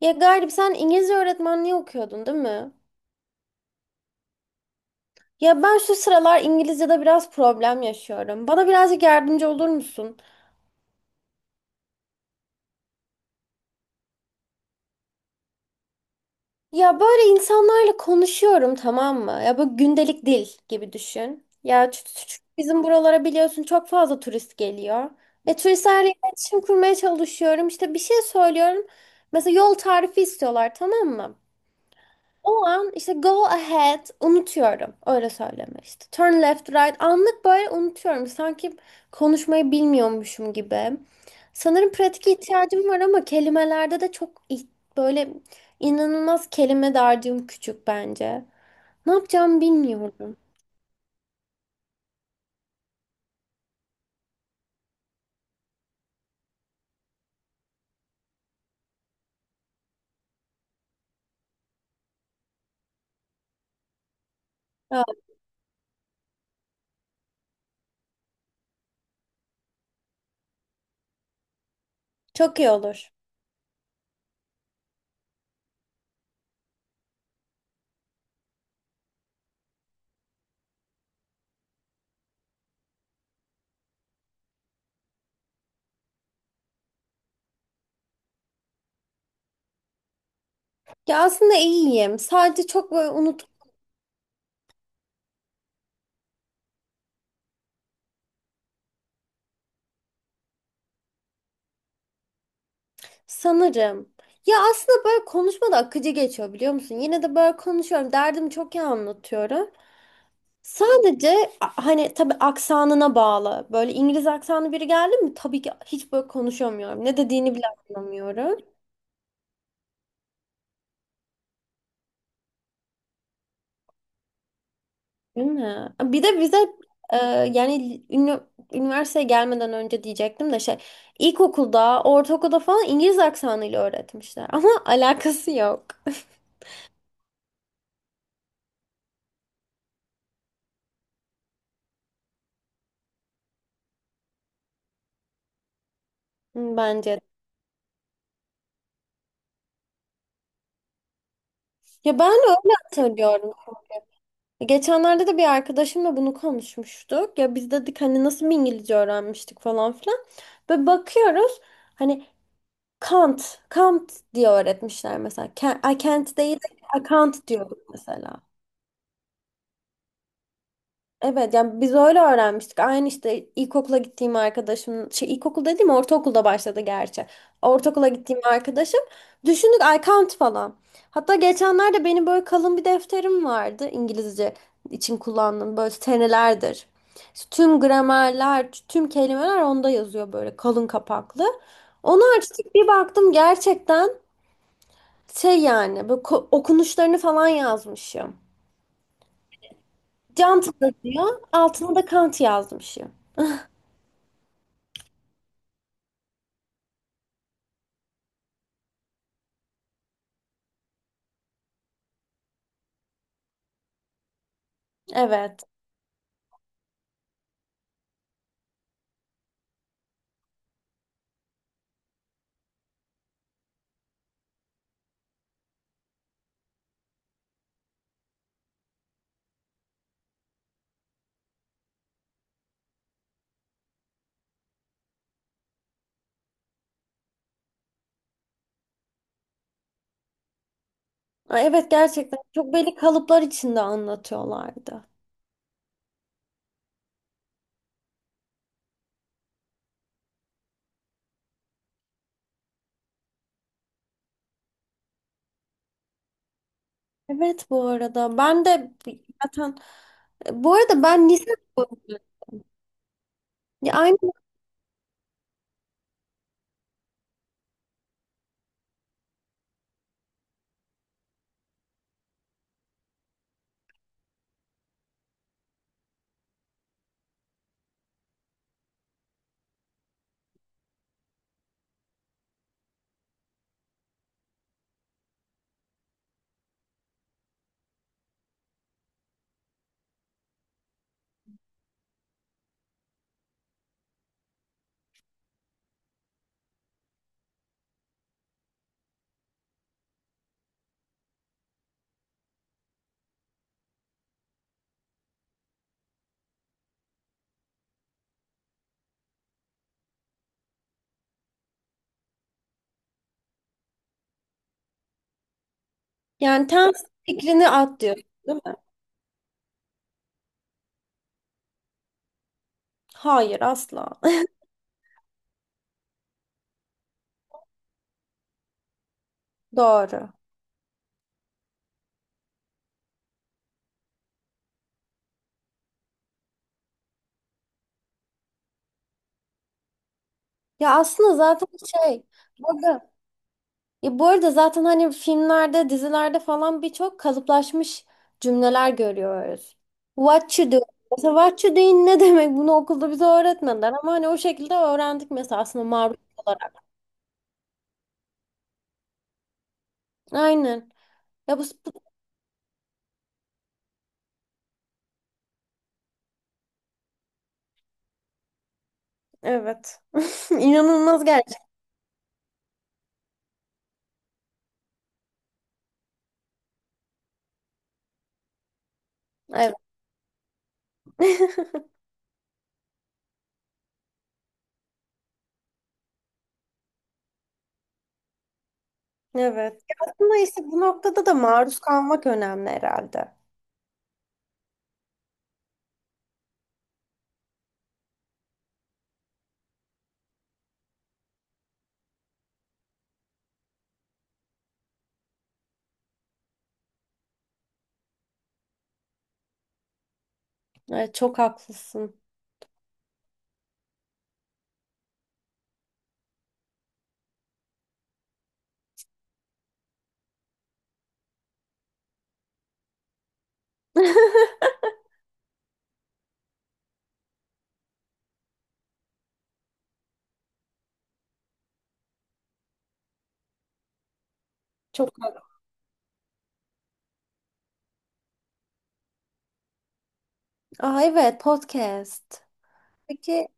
Ya Galip sen İngilizce öğretmenliği okuyordun değil mi? Ya ben şu sıralar İngilizce'de biraz problem yaşıyorum. Bana birazcık yardımcı olur musun? Ya böyle insanlarla konuşuyorum, tamam mı? Ya bu gündelik dil gibi düşün. Ya bizim buralara biliyorsun çok fazla turist geliyor. Ve turistlerle iletişim kurmaya çalışıyorum. İşte bir şey söylüyorum. Mesela yol tarifi istiyorlar, tamam mı? O an işte go ahead unutuyorum. Öyle söyleme işte. Turn left right anlık böyle unutuyorum. Sanki konuşmayı bilmiyormuşum gibi. Sanırım pratik ihtiyacım var ama kelimelerde de çok böyle inanılmaz, kelime dağarcığım küçük bence. Ne yapacağımı bilmiyorum. Ya, çok iyi olur. Ya aslında iyiyim. Sadece çok böyle unut sanırım. Ya aslında böyle konuşma da akıcı geçiyor biliyor musun? Yine de böyle konuşuyorum. Derdimi çok iyi anlatıyorum. Sadece hani tabii aksanına bağlı. Böyle İngiliz aksanı biri geldi mi tabii ki hiç böyle konuşamıyorum. Ne dediğini bile anlamıyorum. Değil mi? Bir de bize e, yani üniversiteye gelmeden önce diyecektim de şey, ilkokulda, ortaokulda falan İngiliz aksanıyla öğretmişler. Ama alakası yok. Hı, bence de. Ya ben öyle hatırlıyorum. Geçenlerde de bir arkadaşımla bunu konuşmuştuk. Ya biz dedik hani nasıl bir İngilizce öğrenmiştik falan filan. Ve bakıyoruz. Hani Kant, Kant diye öğretmişler mesela. Kent, ay Kent değil de Kant diyorduk mesela. Evet yani biz öyle öğrenmiştik. Aynı işte ilkokula gittiğim arkadaşım, şey, ilkokul dediğim ortaokulda başladı gerçi. Ortaokula gittiğim arkadaşım, düşündük ay Kant falan. Hatta geçenlerde benim böyle kalın bir defterim vardı, İngilizce için kullandığım böyle senelerdir. İşte tüm gramerler, tüm kelimeler onda yazıyor, böyle kalın kapaklı. Onu açtık, bir baktım gerçekten şey yani böyle okunuşlarını falan yazmışım. Cantı'da diyor. Altına da Kant yazmışım. Evet. Ay, evet, gerçekten çok belli kalıplar içinde anlatıyorlardı. Evet bu arada ben de zaten bu arada ben lise, ya aynı yani ters fikrini atlıyor değil mi? Hayır, asla. Doğru. Ya aslında zaten şey burada, ya bu arada zaten hani filmlerde, dizilerde falan birçok kalıplaşmış cümleler görüyoruz. What you doing? Mesela what you doing ne demek? Bunu okulda bize öğretmediler ama hani o şekilde öğrendik mesela, aslında maruz olarak. Aynen. Ya bu, evet. İnanılmaz, gerçek. Evet. Evet. Ya aslında işte bu noktada da maruz kalmak önemli herhalde. Evet, çok haklısın. Çok haklısın. Aa evet, podcast. Peki.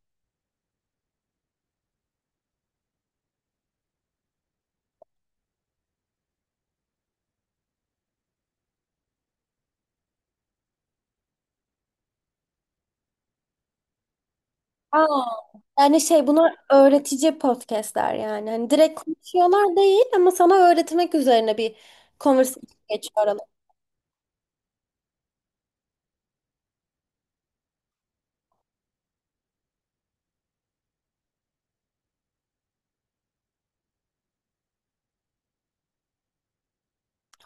Aa, yani şey, bunlar öğretici podcastler yani. Hani direkt konuşuyorlar değil ama sana öğretmek üzerine bir conversation geçiyor aralarında.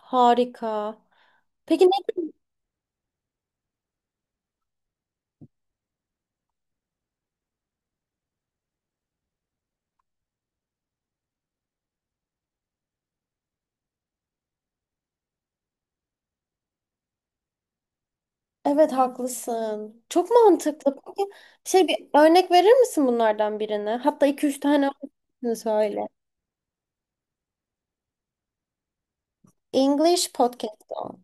Harika. Peki ne? Evet, haklısın. Çok mantıklı. Peki şey, bir örnek verir misin bunlardan birine? Hatta iki üç tane örnek söyle. English podcast o.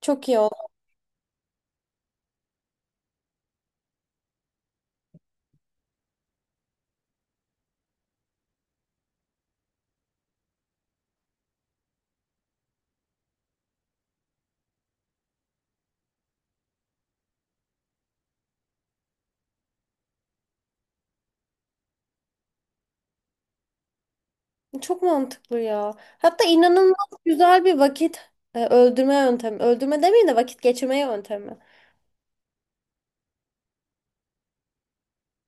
Çok iyi. Çok mantıklı ya. Hatta inanılmaz güzel bir vakit öldürme yöntemi. Öldürme demeyeyim de vakit geçirme yöntemi.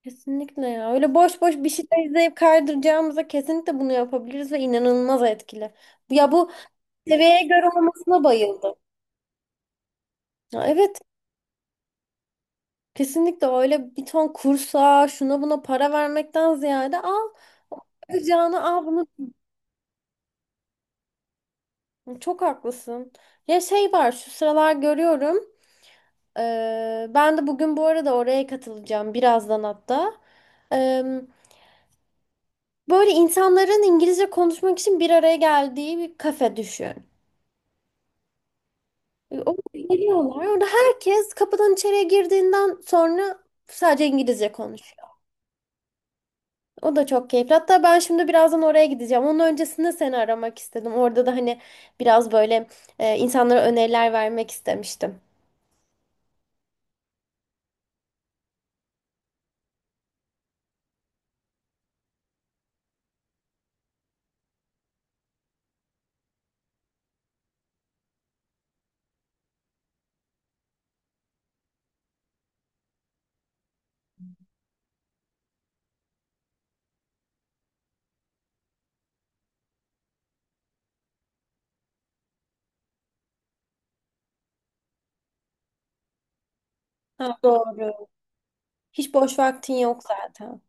Kesinlikle ya. Öyle boş boş bir şeyler izleyip kaydıracağımıza kesinlikle bunu yapabiliriz ve inanılmaz etkili. Ya bu seviyeye göre olmasına bayıldım. Ya evet. Kesinlikle, öyle bir ton kursa şuna buna para vermekten ziyade al. Yapacağını al bunu. Çok haklısın. Ya şey var, şu sıralar görüyorum. Ben de bugün bu arada oraya katılacağım birazdan hatta. Ee, böyle insanların İngilizce konuşmak için bir araya geldiği bir kafe düşün. Orada geliyorlar. Orada herkes kapıdan içeriye girdiğinden sonra sadece İngilizce. O da çok keyifli. Hatta ben şimdi birazdan oraya gideceğim. Onun öncesinde seni aramak istedim. Orada da hani biraz böyle insanlara öneriler vermek istemiştim. Ha, doğru. Hiç boş vaktin yok zaten.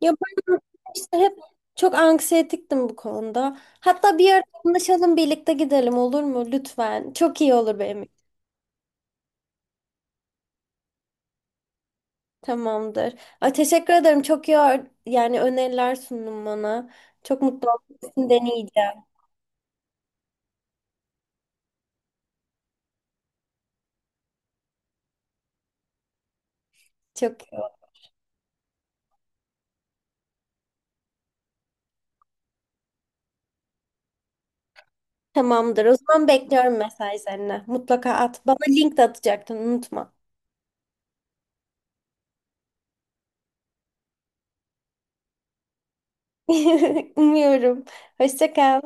Ya ben işte hep çok anksiyetiktim bu konuda. Hatta bir ara anlaşalım, birlikte gidelim, olur mu lütfen? Çok iyi olur benim için. Tamamdır. Ay, teşekkür ederim. Çok iyi yani öneriler sundun bana. Çok mutlu oldum. Kesin deneyeceğim. Çok iyi oldu. Tamamdır. O zaman bekliyorum mesajlarını. Mutlaka at. Bana link de atacaktın, unutma. Umuyorum. Hoşça kal.